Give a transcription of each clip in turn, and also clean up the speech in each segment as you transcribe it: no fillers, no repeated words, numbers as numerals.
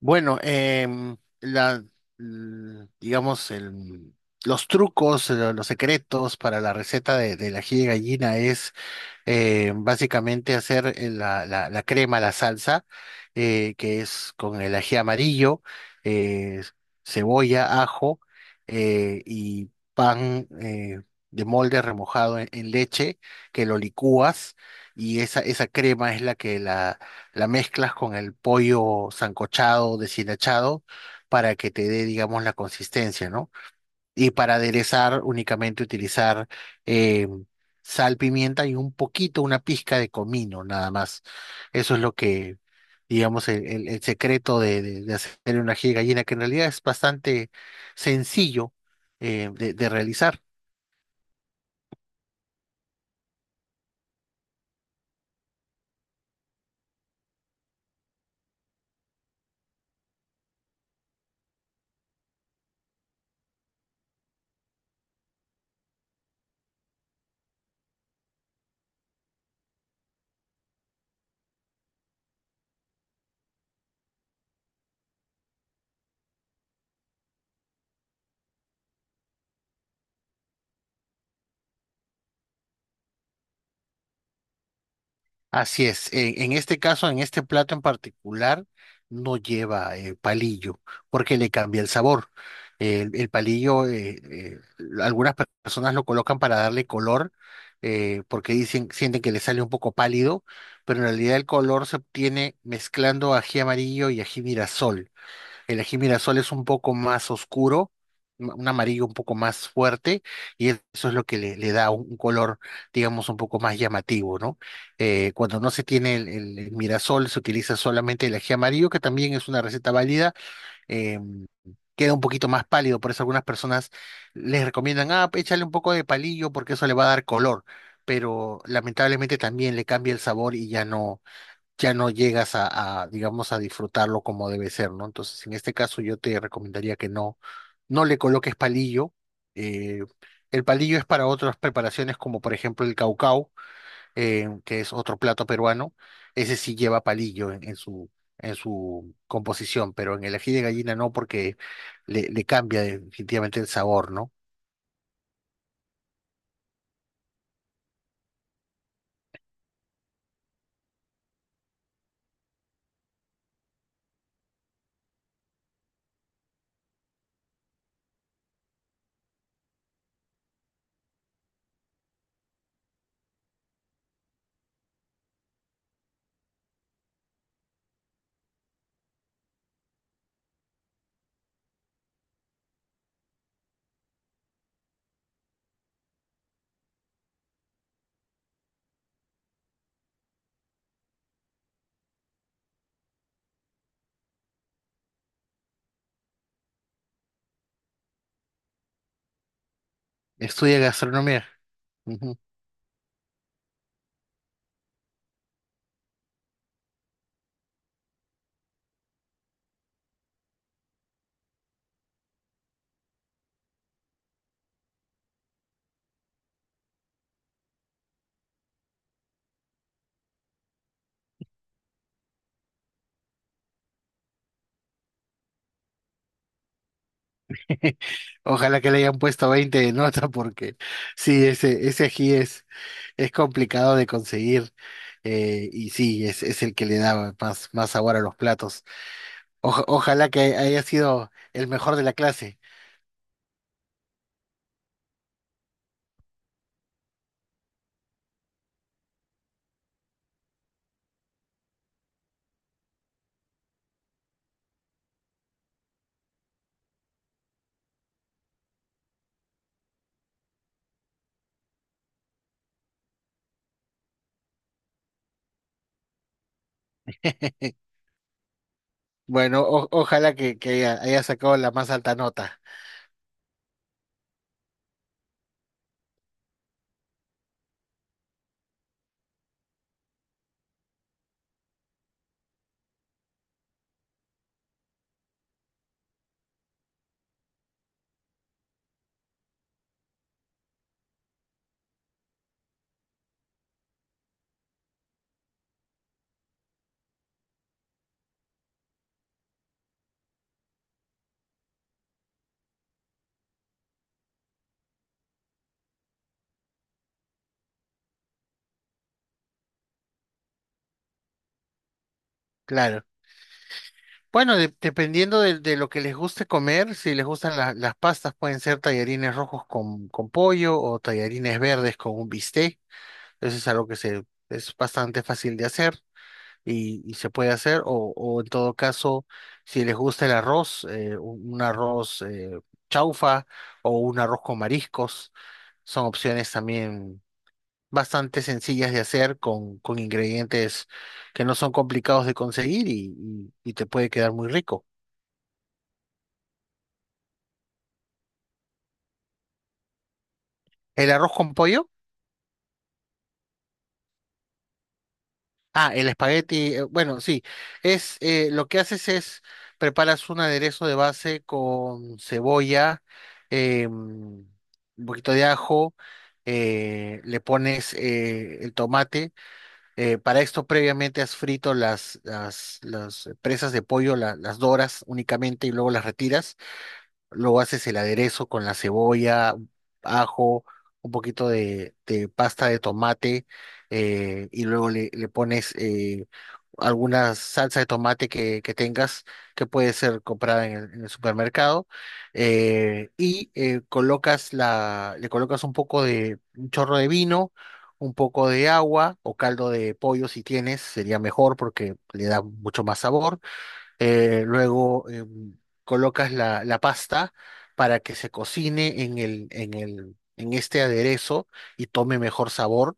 Bueno, em, la, l- digamos, el- los trucos, los secretos para la receta del ají de gallina es básicamente hacer la crema, la salsa, que es con el ají amarillo, eh, cebolla, ajo y pan de molde remojado en leche, que lo licúas y esa crema es la que la mezclas con el pollo sancochado, deshilachado, para que te dé, digamos, la consistencia, ¿no? Y para aderezar, únicamente utilizar eh, sal, pimienta y un poquito, una pizca de comino, nada más. Eso es lo que, digamos, el secreto de hacer un ají de gallina, que en realidad es bastante sencillo de realizar. Así es, en este caso, en este plato en particular, no lleva palillo, porque le cambia el sabor. El palillo, algunas personas lo colocan para darle color, porque dicen, sienten que le sale un poco pálido, pero en realidad el color se obtiene mezclando ají amarillo y ají mirasol. El ají mirasol es un poco más oscuro, un amarillo un poco más fuerte, y eso es lo que le da un color, digamos, un poco más llamativo, ¿no? Cuando no se tiene el mirasol, se utiliza solamente el ají amarillo, que también es una receta válida. eh, Queda un poquito más pálido, por eso algunas personas les recomiendan, ah, échale un poco de palillo porque eso le va a dar color, pero lamentablemente también le cambia el sabor y ya no llegas a, digamos, a disfrutarlo como debe ser, ¿no? Entonces, en este caso yo te recomendaría que no le coloques palillo. eh, el palillo es para otras preparaciones como por ejemplo el caucau, que es otro plato peruano. Ese sí lleva palillo en su composición, pero en el ají de gallina no porque le cambia definitivamente el sabor, ¿no? Estudia gastronomía. Ujú. Ojalá que le hayan puesto 20 de nota porque sí, ese ají es complicado de conseguir y sí, es el que le da más sabor a los platos. Ojalá que haya sido el mejor de la clase. Bueno, ojalá que, haya sacado la más alta nota, claro. Bueno, dependiendo de lo que les guste comer, si les gustan las pastas, pueden ser tallarines rojos con pollo o tallarines verdes con un bistec. Eso es algo es bastante fácil de hacer. Y, y se puede hacer, o en todo caso, si les gusta el arroz, un arroz chaufa o un arroz con mariscos, son opciones también bastante sencillas de hacer con ingredientes que no son complicados de conseguir y, y te puede quedar muy rico. ¿El arroz con pollo? Ah, el espagueti, bueno, sí, es lo que haces es preparas un aderezo de base con cebolla, un poquito de ajo, le pones el tomate. Para esto previamente has frito las presas de pollo, las doras únicamente y luego las retiras. Luego haces el aderezo con la cebolla, ajo, un poquito de pasta de tomate y luego le pones alguna salsa de tomate que tengas que puede ser comprada en el supermercado colocas le colocas un poco de un chorro de vino, un poco de agua o caldo de pollo si tienes, sería mejor porque le da mucho más sabor eh, luego em, colocas la pasta para que se cocine en este aderezo y tome mejor sabor.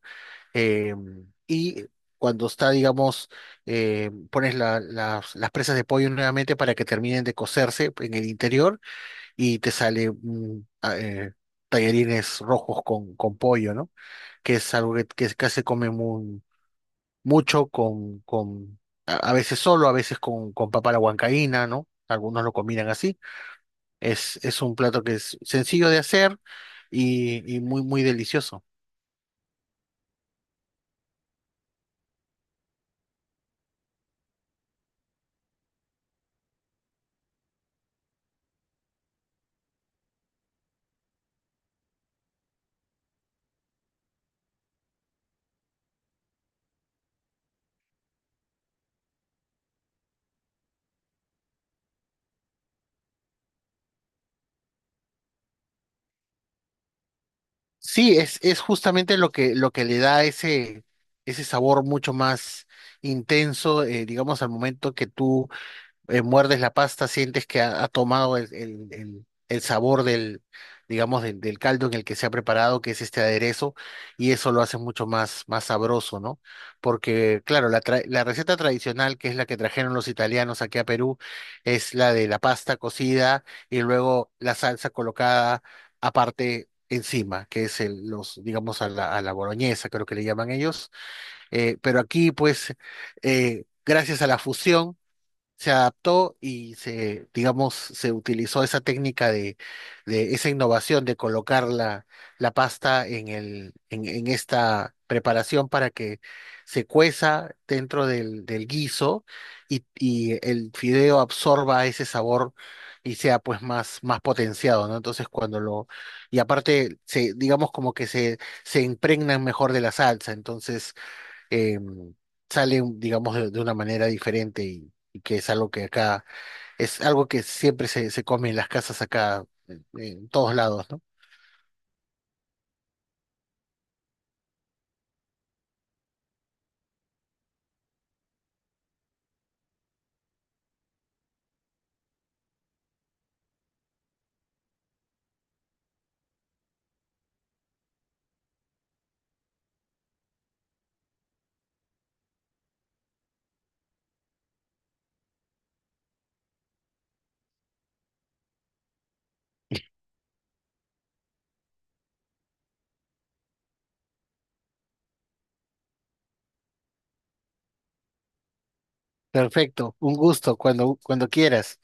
Y cuando está, digamos, pones las presas de pollo nuevamente para que terminen de cocerse en el interior y te sale tallarines rojos con pollo, ¿no? Que es algo que casi se come muy mucho con a veces solo, a veces con papa a la huancaína, ¿no? Algunos lo combinan así. Es un plato que es sencillo de hacer y, muy delicioso. Sí, es justamente lo que le da ese sabor mucho más intenso, digamos, al momento que tú muerdes la pasta, sientes que ha tomado el sabor digamos, del caldo en el que se ha preparado, que es este aderezo, y eso lo hace mucho más sabroso, ¿no? Porque, claro, la receta tradicional, que es la que trajeron los italianos aquí a Perú, es la de la pasta cocida y luego la salsa colocada aparte, encima, que es digamos, a la boloñesa, creo que le llaman ellos. Pero aquí, pues, gracias a la fusión, se adaptó y se, digamos, se utilizó esa técnica de esa innovación de colocar la pasta en esta preparación para que se cueza dentro del, del guiso y el fideo absorba ese sabor y sea pues más potenciado, ¿no? Entonces y aparte se, se impregnan mejor de la salsa, entonces eh, sale, digamos, de una manera diferente y que es algo que es algo que siempre se, se come en las casas acá, en todos lados, ¿no? Perfecto, un gusto, cuando, cuando quieras.